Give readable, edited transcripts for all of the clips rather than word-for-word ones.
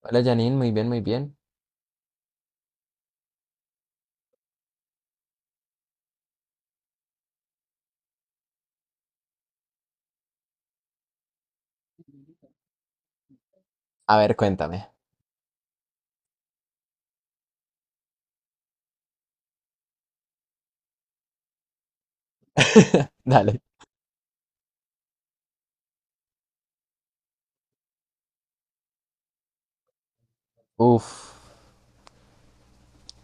Hola Janine, muy bien, muy bien. A ver, cuéntame. Dale. Uf.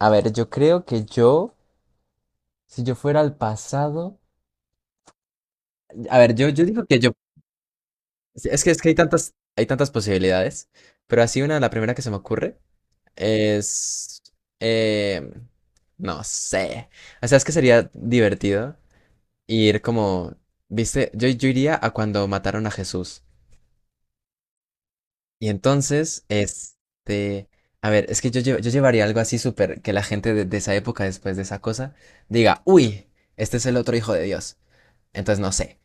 A ver, yo creo que yo, si yo fuera al pasado, a ver, yo digo que yo, es que hay tantas posibilidades, pero así una, la primera que se me ocurre es, eh, no sé. O sea, es que sería divertido ir como, viste, yo iría a cuando mataron a Jesús. Y entonces, este, a ver, es que yo, yo llevaría algo así súper, que la gente de esa época, después de esa cosa, diga, uy, este es el otro hijo de Dios. Entonces, no sé,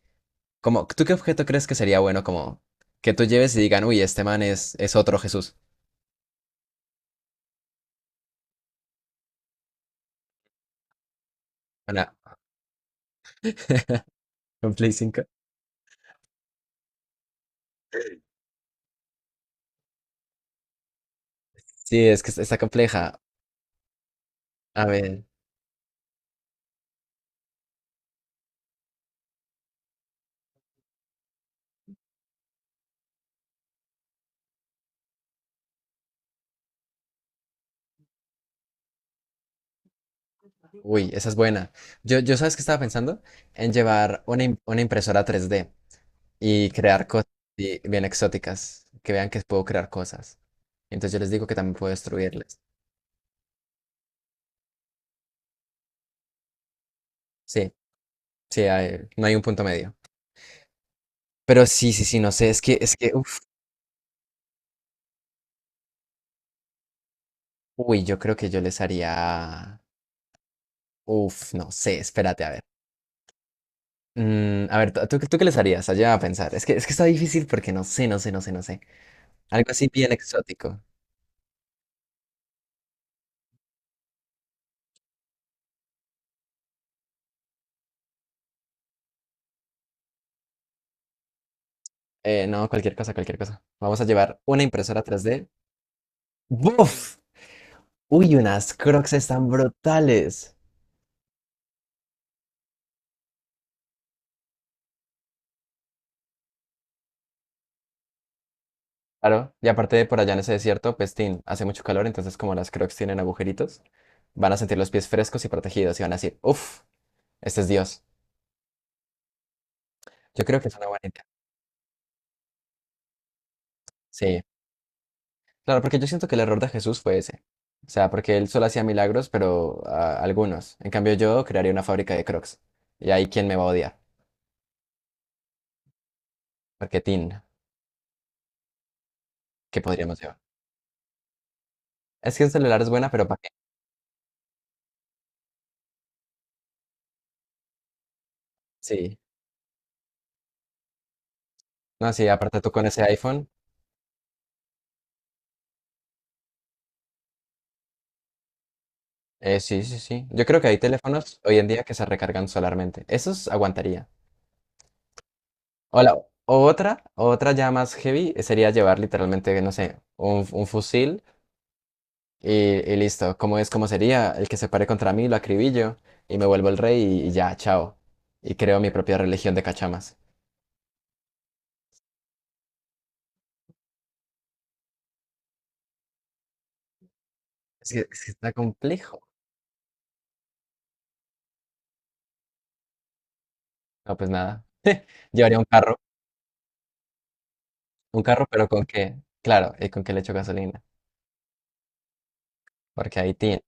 como, ¿tú qué objeto crees que sería bueno como que tú lleves y digan, uy, este man es otro Jesús? Una, un Play 5. Sí, es que está compleja. A ver, uy, esa es buena. Yo, ¿sabes qué estaba pensando? En llevar una impresora 3D. Y crear cosas así bien exóticas, que vean que puedo crear cosas. Entonces yo les digo que también puedo destruirles. Sí, sí, no hay un punto medio. Pero sí, sí, sí, no sé, es que, uff, uy, yo creo que yo les haría, uff, no sé, espérate, a ver. Mm, a ver, ¿tú qué les harías? Allá a pensar. Es que está difícil porque no sé, no sé, no sé, no sé. Algo así bien exótico. No, cualquier cosa, cualquier cosa. Vamos a llevar una impresora 3D. ¡Buf! Uy, unas Crocs están brutales. Claro, y aparte de por allá en ese desierto, Pestín, hace mucho calor, entonces como las Crocs tienen agujeritos, van a sentir los pies frescos y protegidos y van a decir, ¡uf! Este es Dios. Yo creo que es una buena idea. Sí, claro, porque yo siento que el error de Jesús fue ese. O sea, porque él solo hacía milagros, pero ah, algunos. En cambio, yo crearía una fábrica de Crocs. Y ahí, ¿quién me va a odiar? Porque Tin, ¿qué podríamos llevar? Es que el celular es buena, pero para. Sí, no, sí, aparte tú con ese iPhone, sí, sí, sí. Yo creo que hay teléfonos hoy en día que se recargan solarmente. Esos aguantaría. O la- o otra, o otra ya más heavy sería llevar literalmente, no sé, un fusil y, y listo. ¿Como es, como sería? El que se pare contra mí, lo acribillo y me vuelvo el rey y ya, chao. Y creo mi propia religión de cachamas. Es que está complejo. No, pues nada. Llevaría un carro, pero ¿con qué? Claro, ¿y con qué le echo gasolina? Porque ahí tiene.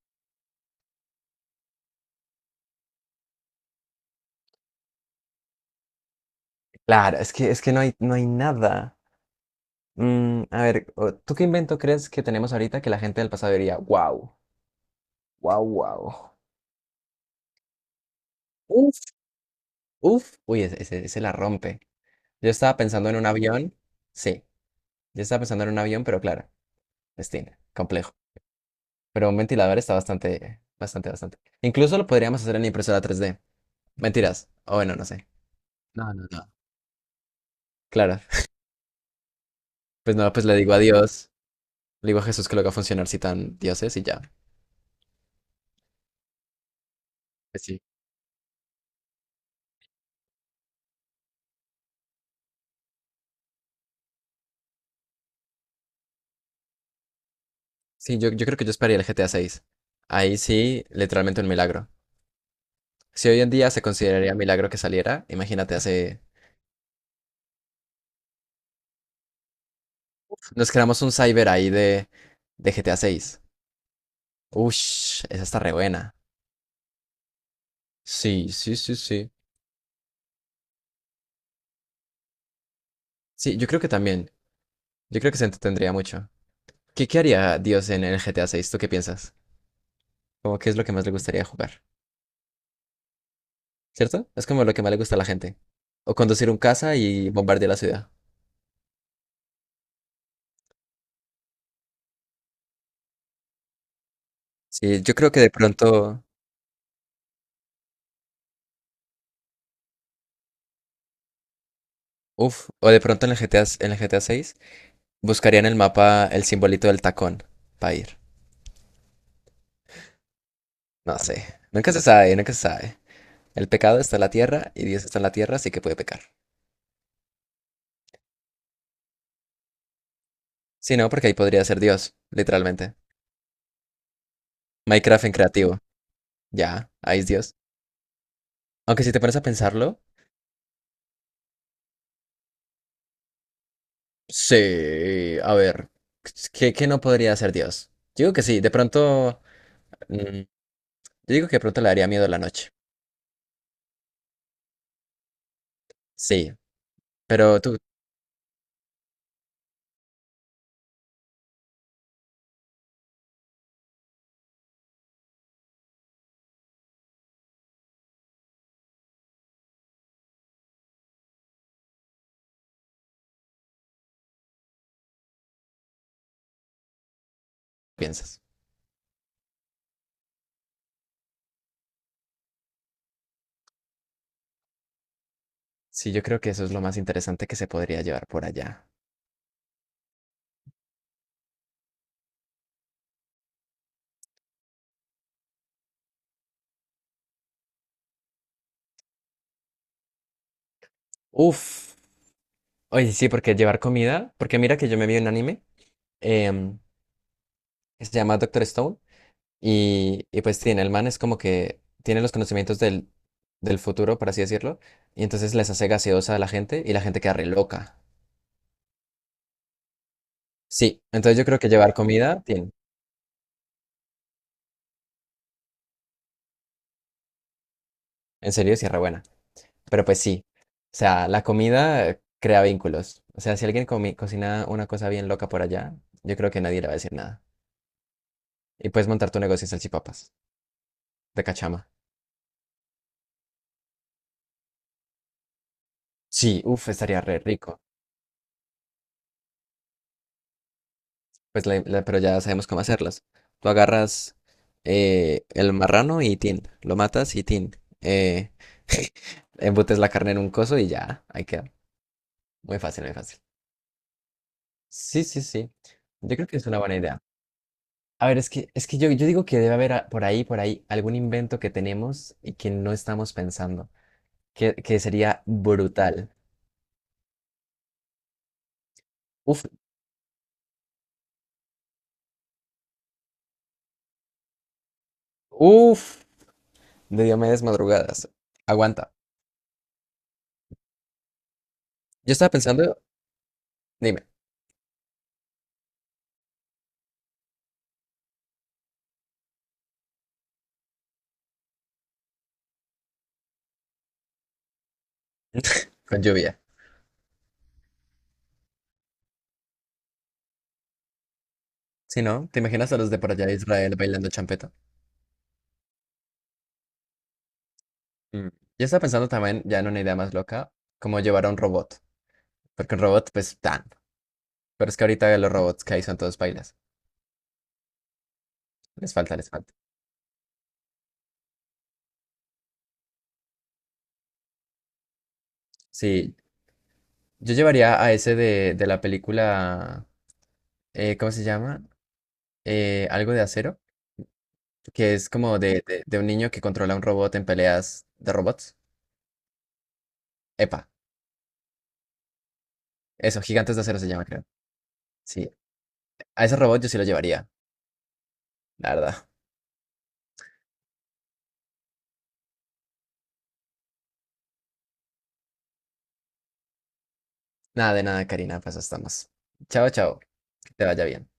Claro, es que no hay, no hay nada. Mm, a ver, ¿tú qué invento crees que tenemos ahorita que la gente del pasado diría, wow, wow, wow? Uf, uf. Uy, ese la rompe. Yo estaba pensando en un avión. Sí, yo estaba pensando en un avión, pero claro, destino, complejo. Pero un ventilador está bastante, bastante, bastante. Incluso lo podríamos hacer en impresora 3D. Mentiras. O bueno, no sé. No, no, no. Claro. Pues no, pues le digo a Dios, le digo a Jesús que lo haga funcionar si tan dioses y ya. Pues sí. Sí, yo creo que yo esperaría el GTA 6. Ahí sí, literalmente un milagro. Si hoy en día se consideraría milagro que saliera, imagínate, hace. Nos creamos un cyber ahí de GTA 6. Ush, esa está re buena. Sí, sí, sí, sí. Sí, yo creo que también. Yo creo que se entretendría mucho. ¿Qué haría Dios en el GTA 6? ¿Tú qué piensas? Como qué es lo que más le gustaría jugar, ¿cierto? Es como lo que más le gusta a la gente. O conducir un caza y bombardear la ciudad. Sí, yo creo que de pronto. Uf, o de pronto en el GTA, en el GTA 6. Buscaría en el mapa el simbolito del tacón para ir. No sé. Nunca se sabe, nunca se sabe. El pecado está en la tierra y Dios está en la tierra, así que puede pecar. Si no, porque ahí podría ser Dios, literalmente. Minecraft en creativo. Ya, ahí es Dios. Aunque si te pones a pensarlo, sí, a ver, ¿qué no podría ser Dios? Yo digo que sí, de pronto, mm, yo digo que de pronto le daría miedo a la noche. Sí, pero tú piensas. Sí, yo creo que eso es lo más interesante que se podría llevar por allá. Uf. Oye, sí, porque llevar comida, porque mira que yo me vi un anime em, que se llama Doctor Stone y pues tiene, el man es como que tiene los conocimientos del futuro, por así decirlo, y entonces les hace gaseosa a la gente y la gente queda re loca. Sí, entonces yo creo que llevar comida tiene, en serio, sí es re buena, pero pues sí, o sea, la comida crea vínculos, o sea, si alguien cocina una cosa bien loca por allá, yo creo que nadie le va a decir nada. Y puedes montar tu negocio de salchipapas, de cachama. Sí, uff, estaría re rico. Pues pero ya sabemos cómo hacerlas. Tú agarras el marrano y tin, lo matas y tin. Embutes la carne en un coso y ya, ahí queda. Muy fácil, muy fácil. Sí, sí, sí. Yo creo que es una buena idea. A ver, es que yo, digo que debe haber por ahí, algún invento que tenemos y que no estamos pensando, que sería brutal. Uf, uf, de Diomedes Madrugadas. Aguanta. Yo estaba pensando, dime, con lluvia. Sí, ¿no? ¿Te imaginas a los de por allá de Israel bailando champeta? Mm. Yo estaba pensando también, ya en una idea más loca, como llevar a un robot. Porque un robot, pues, tan. Pero es que ahorita los robots que hay son todos bailas. Les falta, les falta. Sí, yo llevaría a ese de la película, ¿cómo se llama? Algo de acero, que es como de un niño que controla un robot en peleas de robots. Epa, eso, Gigantes de Acero se llama, creo. Sí, a ese robot yo sí lo llevaría, la verdad. Nada de nada, Karina, pues estamos. Chao, chao, que te vaya bien.